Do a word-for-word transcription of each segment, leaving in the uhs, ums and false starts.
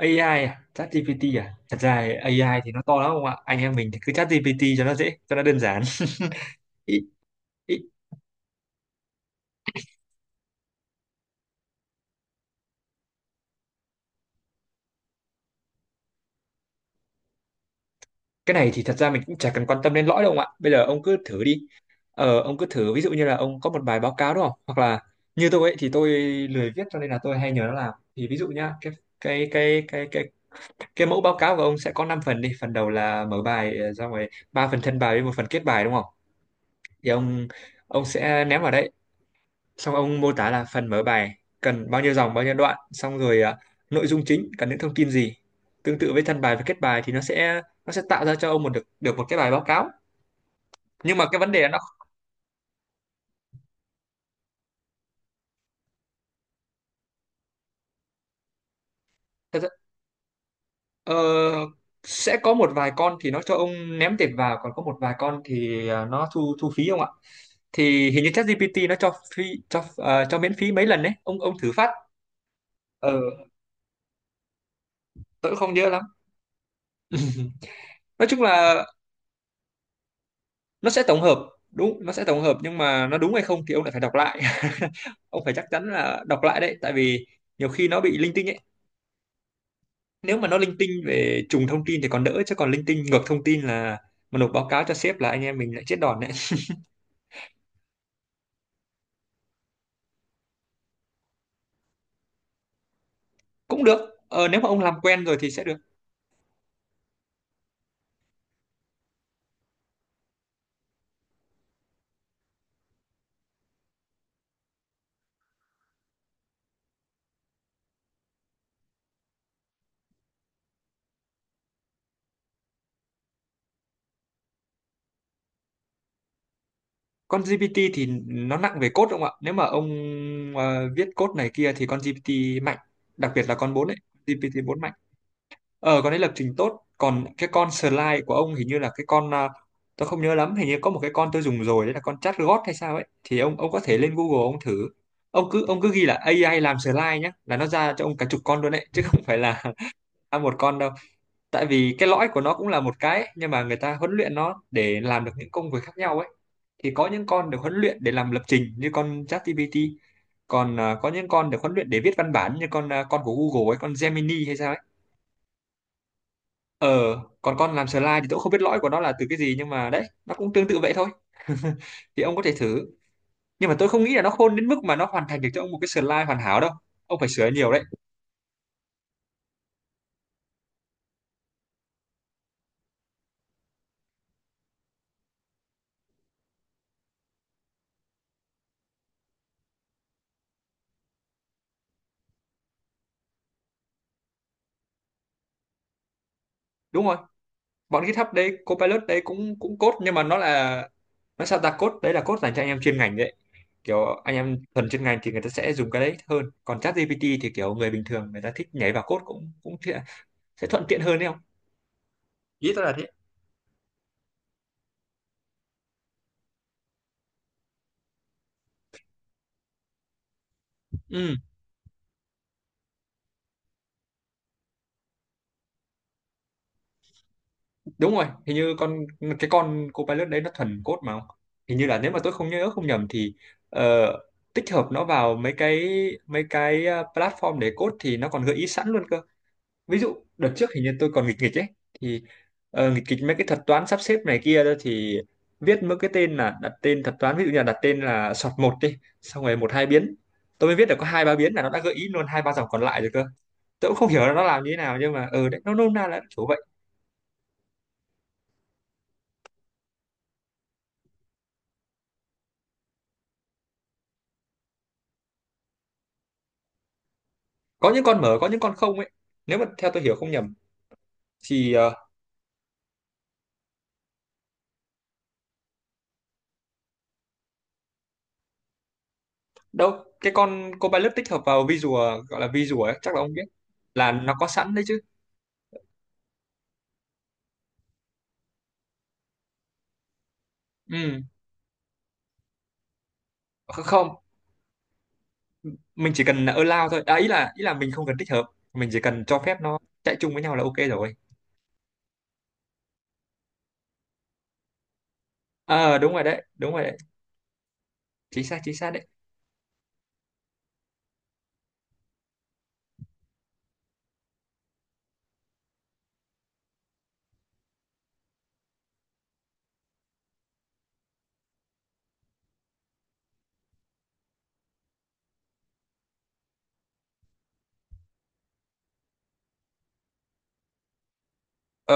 a i à? ChatGPT à? Thật ra a i thì nó to lắm không ạ? Anh em mình thì cứ ChatGPT cho nó dễ, cho nó đơn giản. Ý, ý, Cái này thì thật ra mình cũng chả cần quan tâm đến lõi đâu ông ạ. Bây giờ ông cứ thử đi. Ờ, ông cứ thử ví dụ như là ông có một bài báo cáo, đúng không? Hoặc là như tôi ấy thì tôi lười viết cho nên là tôi hay nhờ nó làm. Thì ví dụ nhá, cái cái cái cái cái cái mẫu báo cáo của ông sẽ có năm phần đi. Phần đầu là mở bài, ờ, xong rồi ba phần thân bài với một phần kết bài, đúng không? Thì ông ông sẽ ném vào đấy, xong ông mô tả là phần mở bài cần bao nhiêu dòng, bao nhiêu đoạn, xong rồi à, nội dung chính cần những thông tin gì, tương tự với thân bài và kết bài. Thì nó sẽ nó sẽ tạo ra cho ông một được được một cái bài báo cáo, nhưng mà cái vấn đề là nó thật ra- ờ, sẽ có một vài con thì nó cho ông ném tiền vào, còn có một vài con thì à, nó thu thu phí không ạ. Thì hình như ChatGPT nó cho phí, cho ờ, cho miễn phí mấy lần đấy, ông ông thử phát. ờ tôi cũng không nhớ lắm. Nói chung là nó sẽ tổng hợp. Đúng, nó sẽ tổng hợp, nhưng mà nó đúng hay không thì ông lại phải đọc lại. Ông phải chắc chắn là đọc lại đấy, tại vì nhiều khi nó bị linh tinh ấy. Nếu mà nó linh tinh về trùng thông tin thì còn đỡ, chứ còn linh tinh ngược thông tin là mà nộp báo cáo cho sếp là anh em mình lại chết đòn đấy. Cũng được. Ờ, nếu mà ông làm quen rồi thì sẽ được. Con giê pê tê thì nó nặng về code, đúng không ạ? Nếu mà ông ờ, viết code này kia thì con giê pê tê mạnh, đặc biệt là con bốn ấy. giê pê tê bốn mạnh, ờ con ấy lập trình tốt. Còn cái con slide của ông hình như là cái con à, tôi không nhớ lắm, hình như có một cái con tôi dùng rồi đấy là con chatbot hay sao ấy. Thì ông ông có thể lên Google ông thử. Ông cứ ông cứ ghi là a i làm slide nhá là nó ra cho ông cả chục con luôn đấy, chứ không phải là ra một con đâu. Tại vì cái lõi của nó cũng là một cái ấy, nhưng mà người ta huấn luyện nó để làm được những công việc khác nhau ấy. Thì có những con được huấn luyện để làm lập trình như con ChatGPT, còn à, có những con được huấn luyện để viết văn bản như con à, con của Google ấy, con Gemini hay sao ấy. Ờ, Còn con làm slide thì tôi cũng không biết lõi của nó là từ cái gì, nhưng mà đấy, nó cũng tương tự vậy thôi. Thì ông có thể thử. Nhưng mà tôi không nghĩ là nó khôn đến mức mà nó hoàn thành được cho ông một cái slide hoàn hảo đâu. Ông phải sửa nhiều đấy. Đúng rồi. Bọn GitHub đấy, Copilot đấy cũng cũng code, nhưng mà nó là nó sao ta code, đấy là code dành cho anh em chuyên ngành đấy. Kiểu anh em thuần chuyên ngành thì người ta sẽ dùng cái đấy hơn. Còn ChatGPT thì kiểu người bình thường người ta thích nhảy vào code cũng cũng thiện- sẽ thuận tiện hơn đấy không? Ý tôi là thế. Ừ. Đúng rồi, hình như con cái con Copilot đấy nó thuần code mà không. Hình như là nếu mà tôi không nhớ không nhầm thì ờ, tích hợp nó vào mấy cái mấy cái ờ, platform để code thì nó còn gợi ý sẵn luôn cơ. Ví dụ đợt trước hình như tôi còn nghịch nghịch ấy. Thì ờ, nghịch nghịch mấy cái thuật toán sắp xếp này kia đó, thì viết mấy cái tên là đặt tên thuật toán, ví dụ như là đặt tên là sort một đi, xong rồi một hai biến, tôi mới viết được có hai ba biến là nó đã gợi ý luôn hai ba dòng còn lại rồi cơ. Tôi cũng không hiểu là nó làm như thế nào, nhưng mà ừ đấy, nó nôm na là kiểu vậy. Có những con mở, có những con không ấy. Nếu mà theo tôi hiểu không nhầm thì ờ, đâu, cái con Copilot tích hợp vào Visual, gọi là Visual ấy chắc là ông biết, là nó có sẵn đấy chứ. Ừ. kh- không mình chỉ cần là allow thôi à, ý là ý là mình không cần tích hợp, mình chỉ cần cho phép nó chạy chung với nhau là ok rồi. ờ Đúng rồi đấy, đúng rồi đấy, chính xác chính xác đấy. ờ,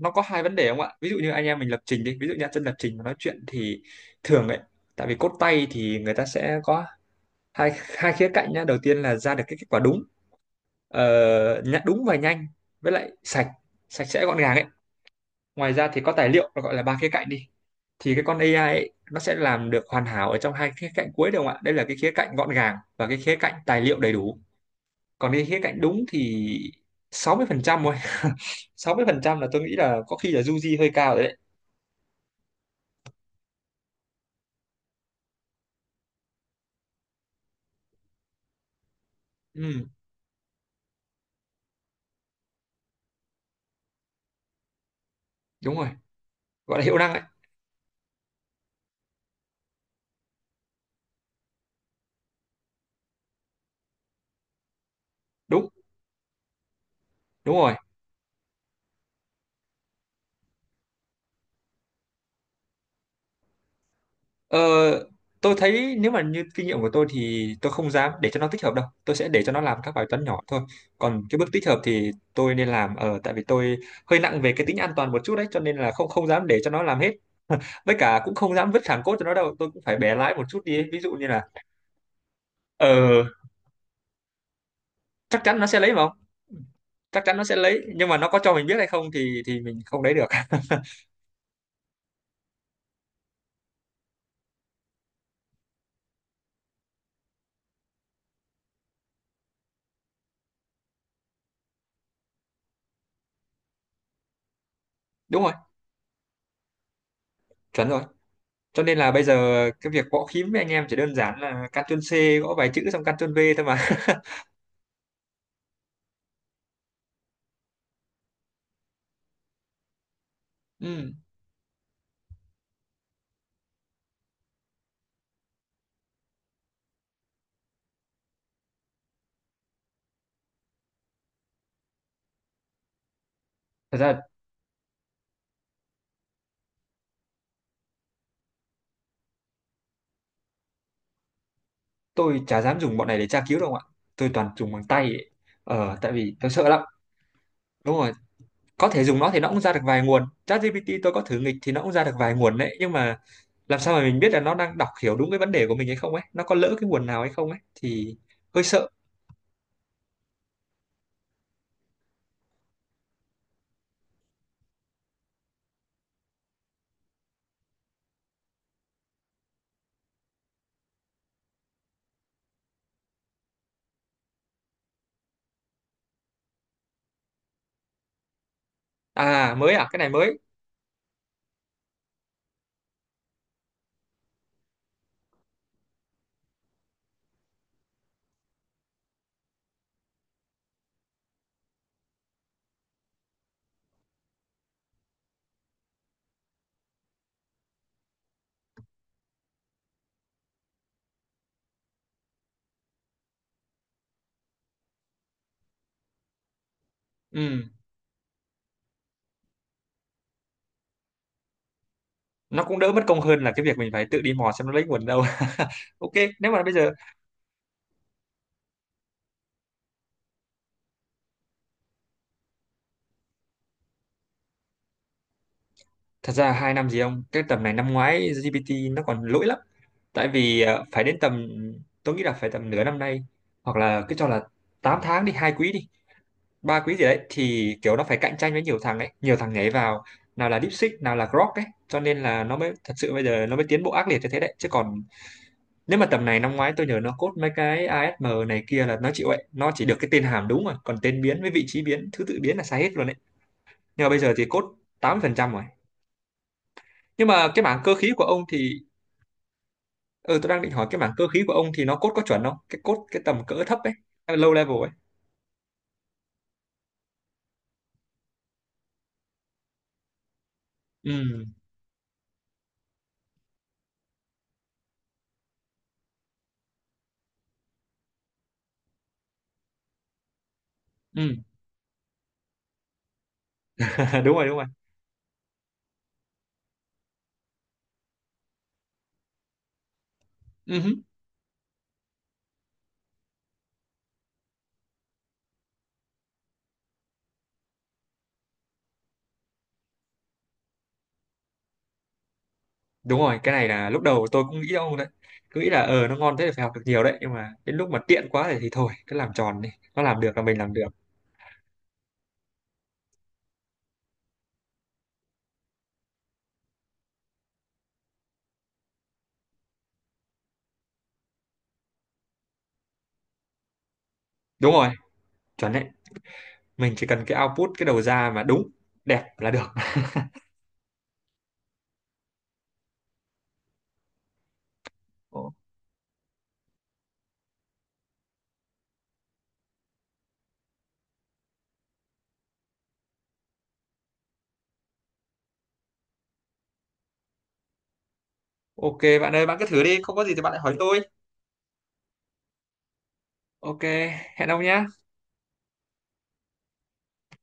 nó có hai vấn đề không ạ. Ví dụ như anh em mình lập trình đi, ví dụ như chân lập trình mà nói chuyện thì thường ấy, tại vì code tay thì người ta sẽ có hai hai khía cạnh nhá. Đầu tiên là ra được cái kết quả đúng, ờ, nhã- đúng và nhanh, với lại sạch sạch sẽ gọn gàng ấy. Ngoài ra thì có tài liệu, nó gọi là ba khía cạnh đi. Thì cái con a i ấy, nó sẽ làm được hoàn hảo ở trong hai khía cạnh cuối được không ạ, đây là cái khía cạnh gọn gàng và cái khía cạnh tài liệu đầy đủ. Còn cái khía cạnh đúng thì sáu mươi phần trăm thôi. Sáu mươi phần trăm là tôi nghĩ là có khi là du di hơi cao rồi đấy. Ừ, đúng rồi, gọi là hiệu năng ấy. Đúng, đúng rồi. Ờ, tôi thấy nếu mà như kinh nghiệm của tôi thì tôi không dám để cho nó tích hợp đâu. Tôi sẽ để cho nó làm các bài toán nhỏ thôi. Còn cái bước tích hợp thì tôi nên làm ở, tại vì tôi hơi nặng về cái tính an toàn một chút đấy, cho nên là không không dám để cho nó làm hết. Với cả cũng không dám vứt thẳng cốt cho nó đâu, tôi cũng phải bẻ lái một chút đi. ấy. Ví dụ như là ờ chắc chắn nó sẽ lấy mà không? Chắc chắn nó sẽ lấy, nhưng mà nó có cho mình biết hay không thì thì mình không lấy được. Đúng rồi, chuẩn rồi. Cho nên là bây giờ cái việc gõ phím với anh em chỉ đơn giản là Ctrl C, gõ vài chữ, xong Ctrl V thôi mà. ừ Thật ra tôi chả dám dùng bọn này để tra cứu đâu ạ, tôi toàn dùng bằng tay ấy. Ờ tại vì tôi sợ lắm. Đúng rồi, có thể dùng nó thì nó cũng ra được vài nguồn. ChatGPT tôi có thử nghịch thì nó cũng ra được vài nguồn đấy, nhưng mà làm sao mà mình biết là nó đang đọc hiểu đúng cái vấn đề của mình hay không ấy, nó có lỡ cái nguồn nào hay không ấy thì hơi sợ. À, mới. À, cái này mới. ừ nó cũng đỡ mất công hơn là cái việc mình phải tự đi mò xem nó lấy nguồn đâu. Ok. nếu mà bây giờ Thật ra hai năm gì không, cái tầm này năm ngoái giê pê tê nó còn lỗi lắm. Tại vì ờ, phải đến tầm tôi nghĩ là phải tầm nửa năm nay, hoặc là cứ cho là tám tháng đi, hai quý đi, ba quý gì đấy, thì kiểu nó phải cạnh tranh với nhiều thằng ấy, nhiều thằng nhảy vào, nào là DeepSeek, nào là Grok ấy, cho nên là nó mới thật sự bây giờ nó mới tiến bộ ác liệt như thế đấy. Chứ còn nếu mà tầm này năm ngoái, tôi nhớ nó code mấy cái a ét em này kia là nó chịu ấy, nó chỉ được cái tên hàm đúng rồi, còn tên biến với vị trí biến, thứ tự biến là sai hết luôn đấy. Nhưng mà bây giờ thì code tám mươi phần trăm rồi. Nhưng mà cái mảng cơ khí của ông thì ừ tôi đang định hỏi cái mảng cơ khí của ông thì nó cốt có chuẩn không, cái cốt cái tầm cỡ thấp ấy, low level ấy. Ừ, ừ. Đúng rồi, đúng rồi. Ừ. Hứ. Đúng rồi, cái này là lúc đầu tôi cũng nghĩ ông đấy, cứ nghĩ là ờ nó ngon thế thì phải học được nhiều đấy, nhưng mà đến lúc mà tiện quá thì, thì thôi cứ làm tròn đi, nó làm được là mình làm được. Đúng rồi, chuẩn đấy, mình chỉ cần cái output, cái đầu ra mà đúng đẹp là được. Ồ, ok bạn ơi, bạn cứ thử đi, không có gì thì bạn lại hỏi tôi. Ok, hẹn ông nhé.